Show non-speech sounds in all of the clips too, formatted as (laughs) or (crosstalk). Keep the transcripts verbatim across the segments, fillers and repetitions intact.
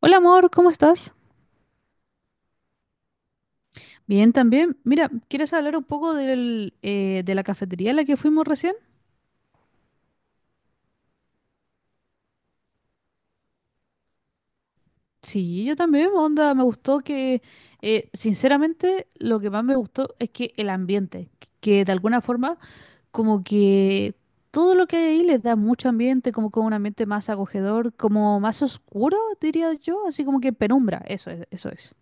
Hola amor, ¿cómo estás? Bien, también. Mira, ¿quieres hablar un poco del, eh, de la cafetería a la que fuimos recién? Sí, yo también, onda, me gustó que, eh, sinceramente, lo que más me gustó es que el ambiente, que de alguna forma, como que todo lo que hay ahí les da mucho ambiente, como con un ambiente más acogedor, como más oscuro, diría yo, así como que penumbra, eso es, eso es.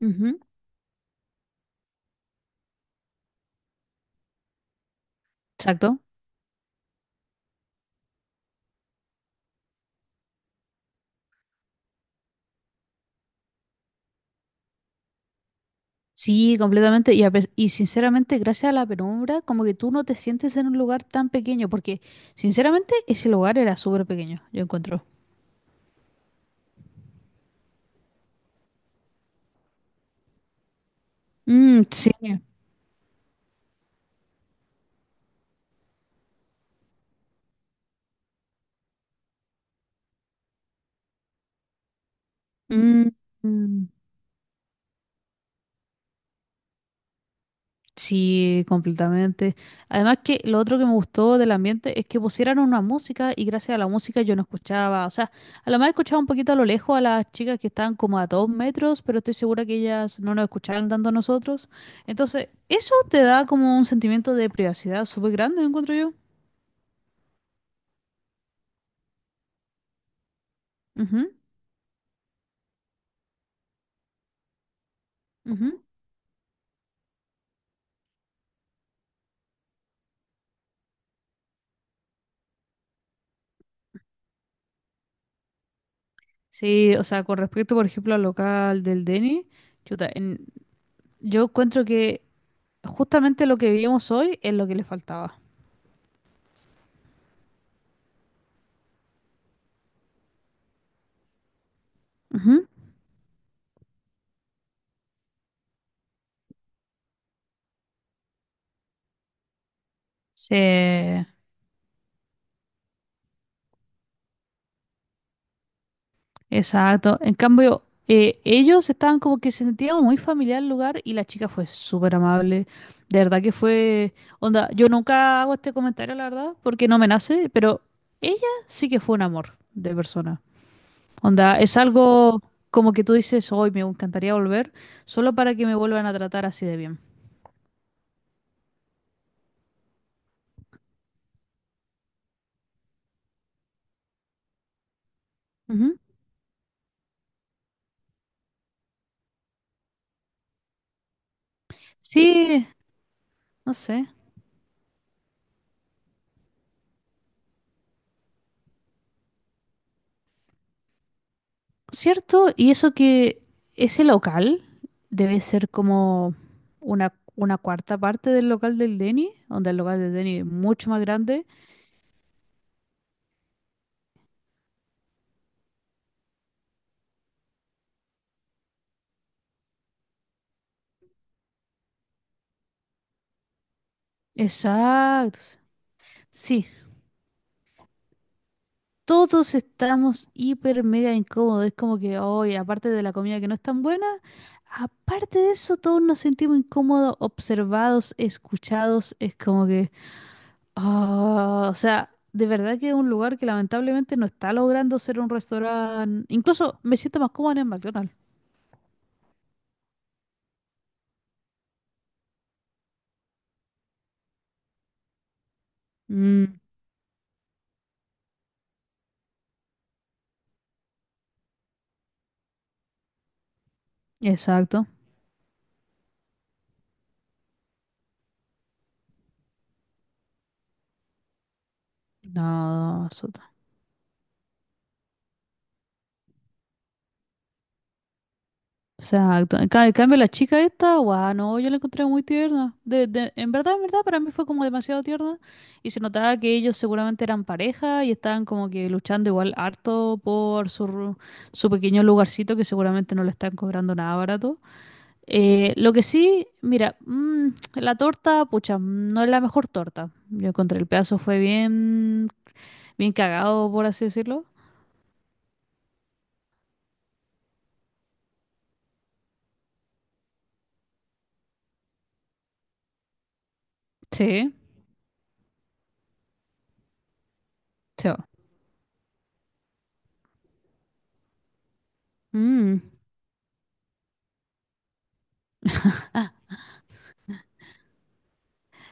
Ujú, ujú. Exacto. Sí, completamente. Y, a pes- y sinceramente, gracias a la penumbra, como que tú no te sientes en un lugar tan pequeño, porque sinceramente ese lugar era súper pequeño, yo encuentro. Mm, sí. Mm, mm. Sí, completamente. Además que lo otro que me gustó del ambiente es que pusieran una música y gracias a la música yo no escuchaba, o sea, a lo más escuchaba un poquito a lo lejos a las chicas que estaban como a dos metros, pero estoy segura que ellas no nos escuchaban tanto a nosotros. Entonces, eso te da como un sentimiento de privacidad súper grande, encuentro yo. Ujú, ujú. Sí, o sea, con respecto, por ejemplo, al local del Denny, chuta, en- yo encuentro que justamente lo que vivimos hoy es lo que le faltaba. Ujú. Sí. Exacto. En cambio, eh, ellos estaban como que se sentían muy familiar el lugar y la chica fue súper amable. De verdad que fue... Onda, yo nunca hago este comentario, la verdad, porque no me nace, pero ella sí que fue un amor de persona. Onda, es algo como que tú dices, hoy me encantaría volver, solo para que me vuelvan a tratar así de bien. Ujú. Sí, no sé. ¿Cierto? Y eso que ese local debe ser como una, una cuarta parte del local del Denny, donde el local del Denny es mucho más grande. Exacto. Sí, todos estamos hiper mega incómodos. Es como que hoy, aparte de la comida que no es tan buena, aparte de eso, todos nos sentimos incómodos, observados, escuchados. Es como que Ah, o sea, de verdad que es un lugar que lamentablemente no está logrando ser un restaurante. Incluso me siento más cómoda en el McDonald's. Mm, exacto. No, Soto. Exacto. En ca- en cambio, la chica esta, guau, no, yo la encontré muy tierna. De, de- en verdad, en verdad, para mí fue como demasiado tierna. Y se notaba que ellos seguramente eran pareja y estaban como que luchando igual harto por su, ru- su pequeño lugarcito que seguramente no le están cobrando nada barato. Eh, lo que sí, mira, mm, la torta, pucha, no es la mejor torta. Yo encontré el pedazo, fue bien, bien cagado, por así decirlo. Sí, sí. Mm.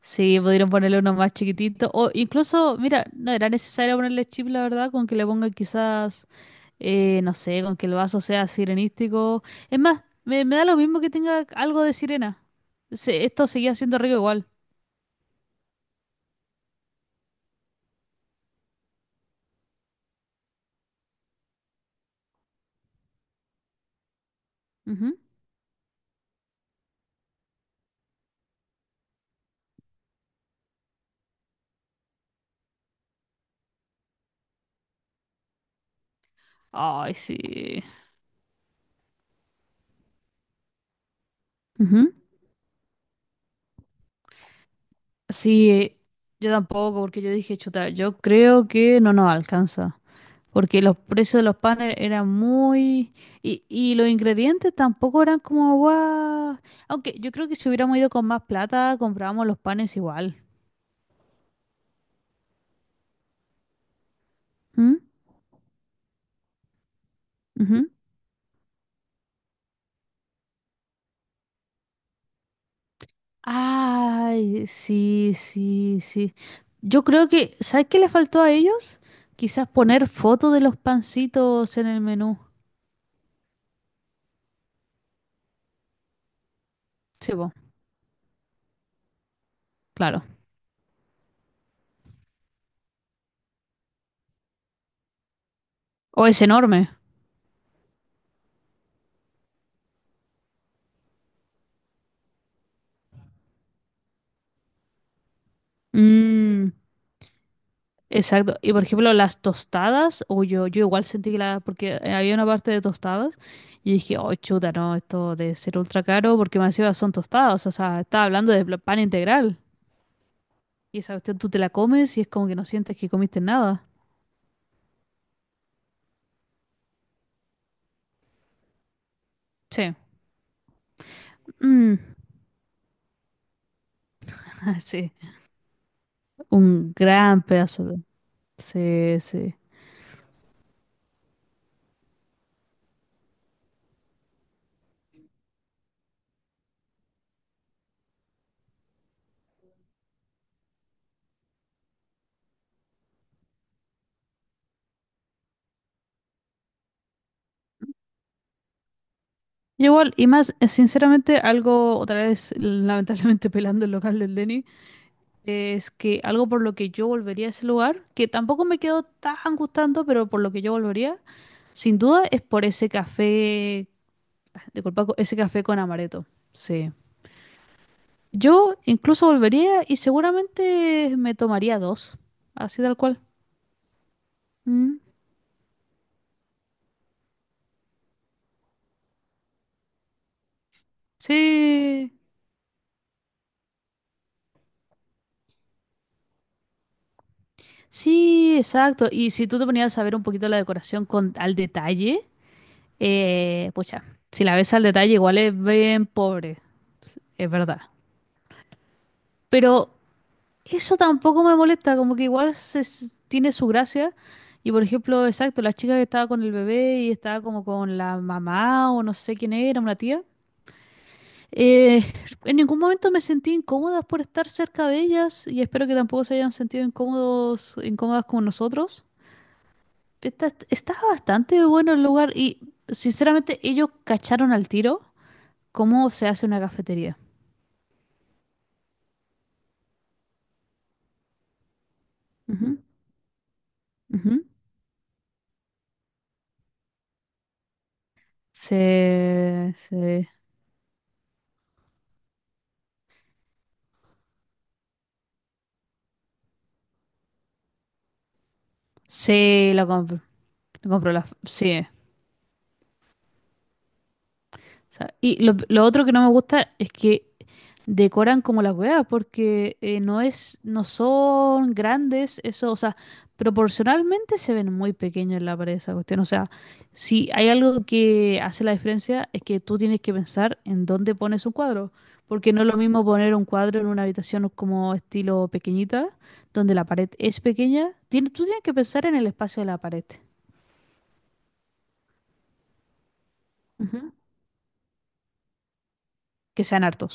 Sí, pudieron ponerle uno más chiquitito. O incluso, mira, no era necesario ponerle chip, la verdad, con que le pongan quizás, eh, no sé, con que el vaso sea sirenístico. Es más, me, me da lo mismo que tenga algo de sirena. Se- esto seguía siendo rico igual. Ujú. Ay, sí. Sí, yo tampoco, porque yo dije, chuta, yo creo que no nos alcanza, porque los precios de los panes eran muy... Y, y los ingredientes tampoco eran como, guau. Aunque yo creo que si hubiéramos ido con más plata, comprábamos los panes igual. ¿Mm? Ujú. Ay, sí, sí, sí. Yo creo que, ¿sabes qué le faltó a ellos? Quizás poner fotos de los pancitos en el menú. Sí, po, claro. O es enorme. Mm. Exacto. Y por ejemplo, las tostadas, o yo, yo igual sentí que la, porque había una parte de tostadas y dije, oh, chuta, no, esto de ser ultra caro, porque más encima son tostadas, o sea, estaba hablando de pl- pan integral. Y esa cuestión tú te la comes y es como que no sientes que comiste nada. Sí. Mm, (laughs) sí. Un gran pedazo de... Sí, sí. Y igual, y más, eh, sinceramente, algo, otra vez, lamentablemente (laughs) pelando el local del Denny. Es que algo por lo que yo volvería a ese lugar, que tampoco me quedó tan gustando, pero por lo que yo volvería, sin duda es por ese café, ah, disculpa, co- ese café con amaretto. Sí. Yo incluso volvería y seguramente me tomaría dos, así tal cual. Mm. Sí, sí, exacto. Y si tú te ponías a ver un poquito la decoración con al detalle, eh, pucha, si la ves al detalle igual es bien pobre, es verdad. Pero eso tampoco me molesta, como que igual se, s- tiene su gracia. Y por ejemplo, exacto, la chica que estaba con el bebé y estaba como con la mamá o no sé quién era, una tía. eh, (laughs) en ningún momento me sentí incómoda por estar cerca de ellas y espero que tampoco se hayan sentido incómodos, incómodas con nosotros. Está, está bastante bueno el lugar y sinceramente ellos cacharon al tiro cómo se hace una cafetería. Ujú, ujú. Se, se, sí, lo me compro las... Sí. O sea, y lo, lo otro que no me gusta es que decoran como las weas, porque eh, no es, no son grandes, eso, o sea, proporcionalmente se ven muy pequeños en la pared esa cuestión. O sea, si hay algo que hace la diferencia es que tú tienes que pensar en dónde pones un cuadro, porque no es lo mismo poner un cuadro en una habitación como estilo pequeñita, donde la pared es pequeña. Tien- tú tienes que pensar en el espacio de la pared. Ujú. Que sean hartos.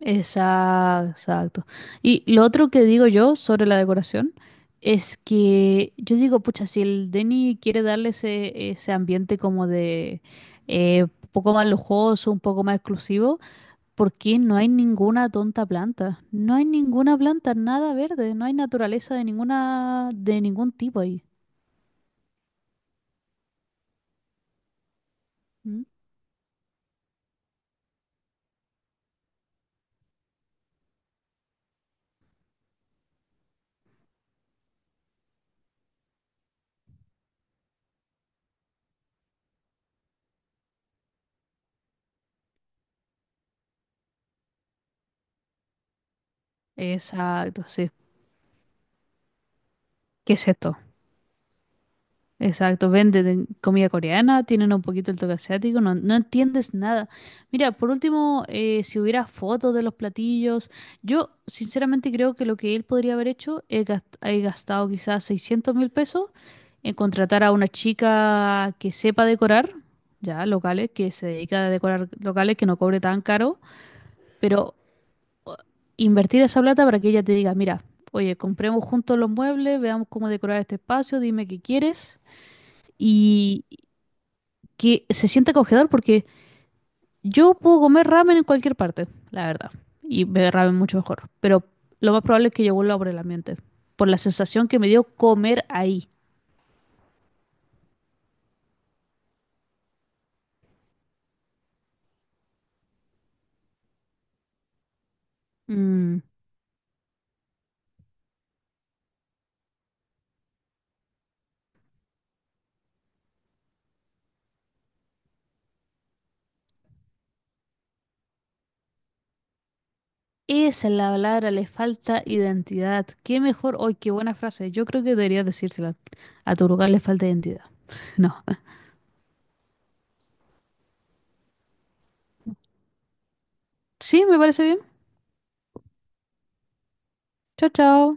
Exacto, exacto. Y lo otro que digo yo sobre la decoración es que yo digo, pucha, si el Denny quiere darle ese, ese ambiente como de eh, un poco más lujoso, un poco más exclusivo, ¿por qué no hay ninguna tonta planta? No hay ninguna planta, nada verde, no hay naturaleza de ninguna, de ningún tipo ahí. ¿Mm? Exacto, sí. ¿Qué es esto? Exacto, venden comida coreana, tienen un poquito el toque asiático, no, no entiendes nada. Mira, por último, eh, si hubiera fotos de los platillos, yo sinceramente creo que lo que él podría haber hecho es gast- es gastado quizás seiscientos mil pesos en contratar a una chica que sepa decorar, ya locales, que se dedica a decorar locales, que no cobre tan caro, pero o- invertir esa plata para que ella te diga, mira, oye, compremos juntos los muebles, veamos cómo decorar este espacio, dime qué quieres que se siente acogedor porque yo puedo comer ramen en cualquier parte, la verdad, y beber ramen mucho mejor, pero lo más probable es que yo vuelva por el ambiente, por la sensación que me dio comer ahí. Mm, esa es la palabra, le falta identidad. Qué mejor, hoy, qué buena frase. Yo creo que debería decírsela. A tu lugar le falta identidad. (laughs) No. Sí, me parece bien. Chao, chao.